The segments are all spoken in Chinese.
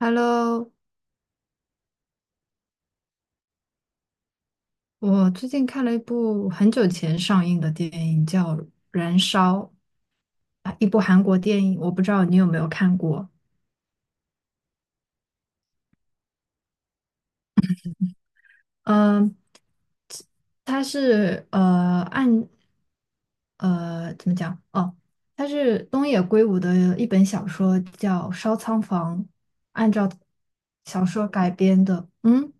Hello，我最近看了一部很久前上映的电影，叫《燃烧》，啊一部韩国电影，我不知道你有没有看过。嗯、它是怎么讲？哦，它是东野圭吾的一本小说，叫《烧仓房》，按照小说改编的。嗯。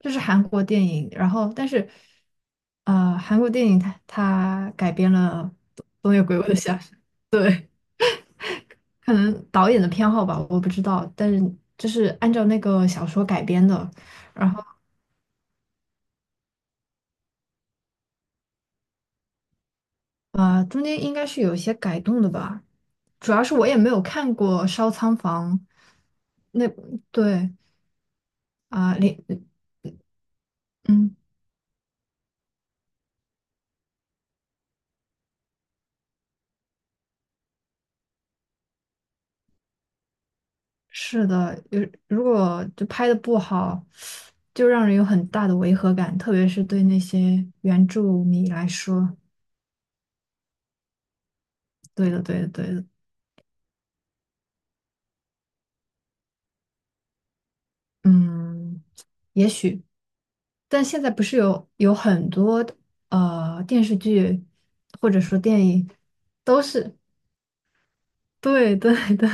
这是韩国电影，然后但是，韩国电影它改编了东野圭吾的小说。对，可能导演的偏好吧，我不知道，但是就是按照那个小说改编的。然后中间应该是有一些改动的吧，主要是我也没有看过《烧仓房》那。对啊，嗯。是的，如果就拍的不好，就让人有很大的违和感，特别是对那些原著迷来说。对的，对的，对的。嗯，也许，但现在不是有很多电视剧或者说电影都是。对对对。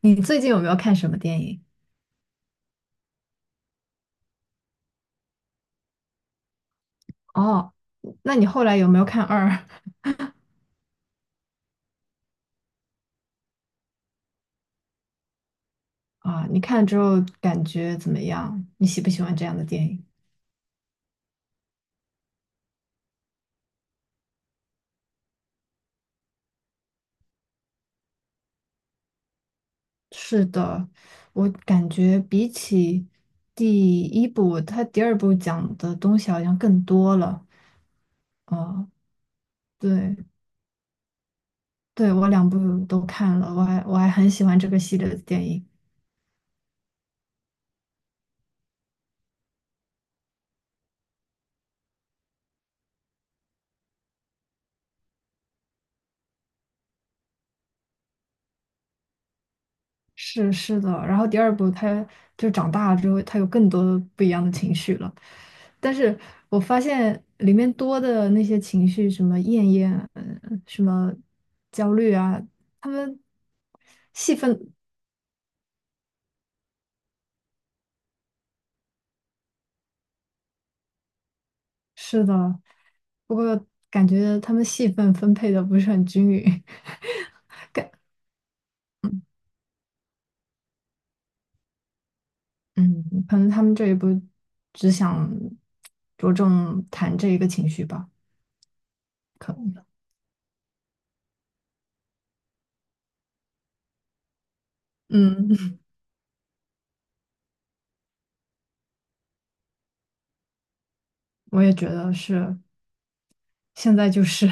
你最近有没有看什么电影？哦，那你后来有没有看二 啊？你看了之后感觉怎么样？你喜不喜欢这样的电影？是的，我感觉比起第一部，它第二部讲的东西好像更多了。哦，对，对，我两部都看了，我还很喜欢这个系列的电影。是的，然后第二部他就长大了之后，他有更多不一样的情绪了。但是我发现里面多的那些情绪，什么厌厌，什么焦虑啊，他们戏份。是的，不过感觉他们戏份分配的不是很均匀。感嗯，可能他们这一部只想着重谈这一个情绪吧，可能。嗯，我也觉得是，现在就是。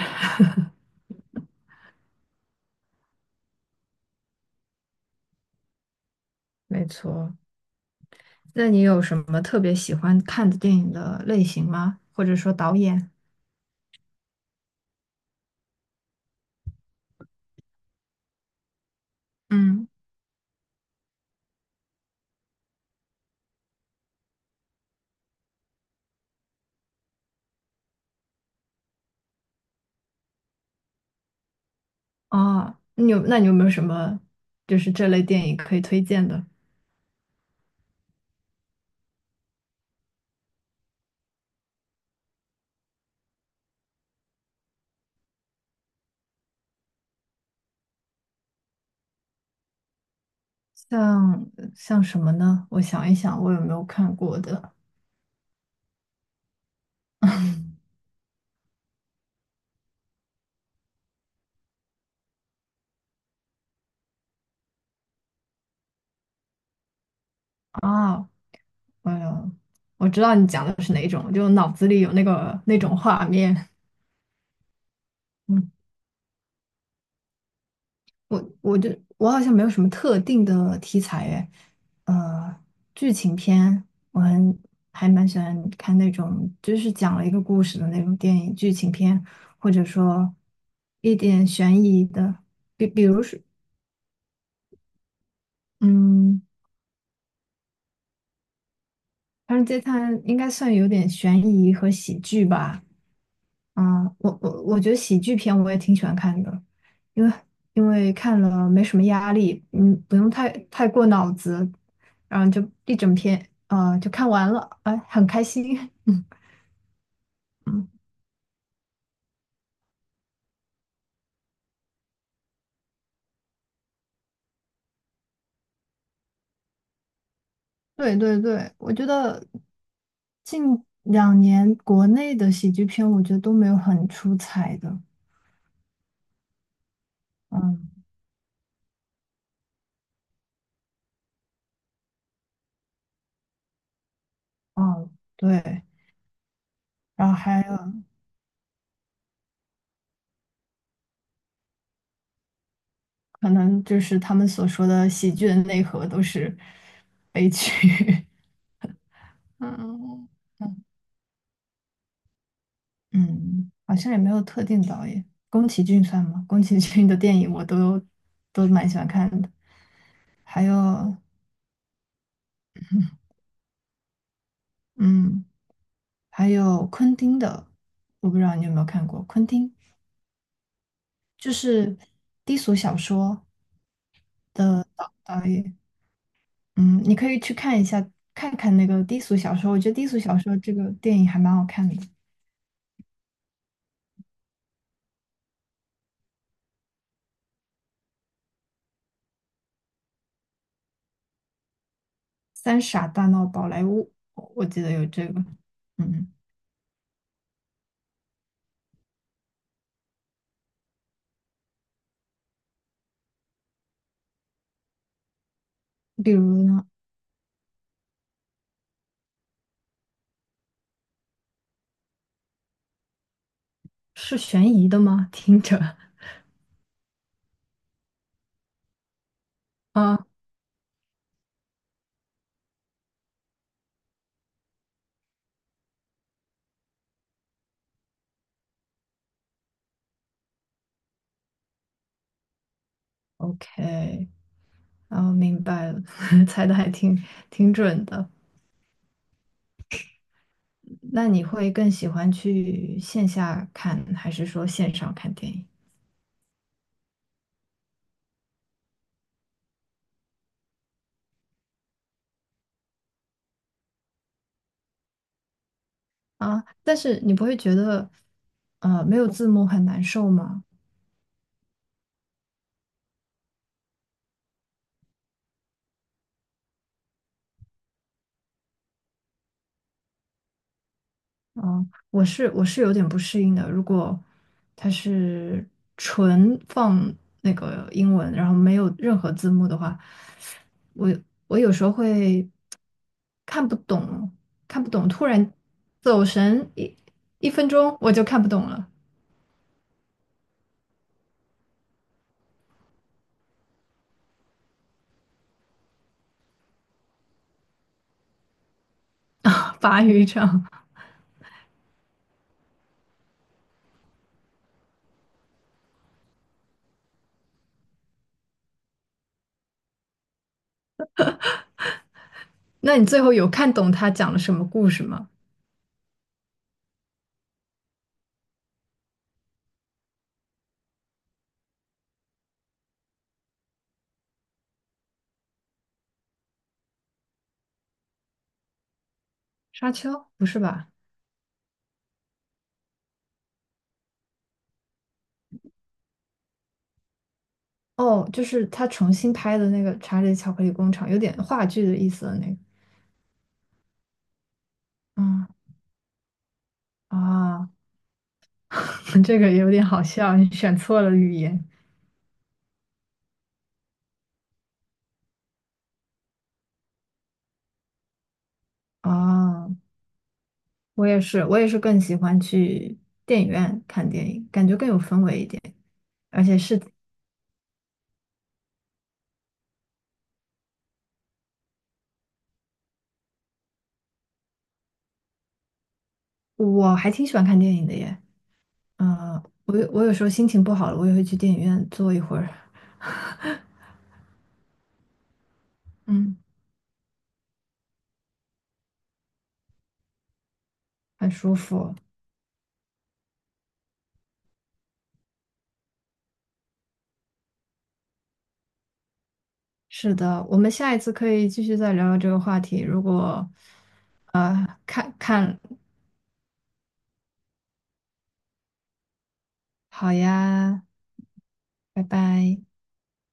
没错。那你有什么特别喜欢看的电影的类型吗？或者说导演？嗯，啊，你有，那你有没有什么就是这类电影可以推荐的？像像什么呢？我想一想，我有没有看过的啊？我有，我知道你讲的是哪一种，就脑子里有那个那种画面。嗯，我我就我好像没有什么特定的题材诶。呃，剧情片我还蛮喜欢看那种，就是讲了一个故事的那种电影剧情片，或者说一点悬疑的，比如说。嗯，《唐人街探案》应该算有点悬疑和喜剧吧。啊，我觉得喜剧片我也挺喜欢看的，因为看了没什么压力。嗯，不用太过脑子，然后就一整篇，啊就看完了，哎，很开心。嗯，对对对，我觉得近2年国内的喜剧片，我觉得都没有很出彩的。嗯，哦，对，然后还有可能就是他们所说的喜剧的内核都是悲剧。嗯。嗯嗯，好像也没有特定导演，宫崎骏算吗？宫崎骏的电影我都蛮喜欢看的。还有嗯，还有昆汀的，我不知道你有没有看过。昆汀就是低俗小说导演。嗯，你可以去看一下，看看那个低俗小说，我觉得低俗小说这个电影还蛮好看的。《三傻大闹宝莱坞》，我记得有这个。嗯，比如呢，是悬疑的吗？听着 啊，OK。哦，明白了，猜的还挺准的。那你会更喜欢去线下看，还是说线上看电影啊？但是你不会觉得，没有字幕很难受吗？嗯，我是有点不适应的。如果它是纯放那个英文，然后没有任何字幕的话，我我有时候会看不懂，看不懂，突然走神1分钟我就看不懂了。法语这样。那你最后有看懂他讲了什么故事吗？沙丘？不是吧？哦，就是他重新拍的那个《查理的巧克力工厂》，有点话剧的意思的那个。嗯啊。这个有点好笑，你选错了语言。啊！我也是更喜欢去电影院看电影，感觉更有氛围一点。而且是，我还挺喜欢看电影的耶。嗯、我有时候心情不好了，我也会去电影院坐一会儿。嗯，很舒服。是的，我们下一次可以继续再聊聊这个话题。如果，看看好呀，拜拜。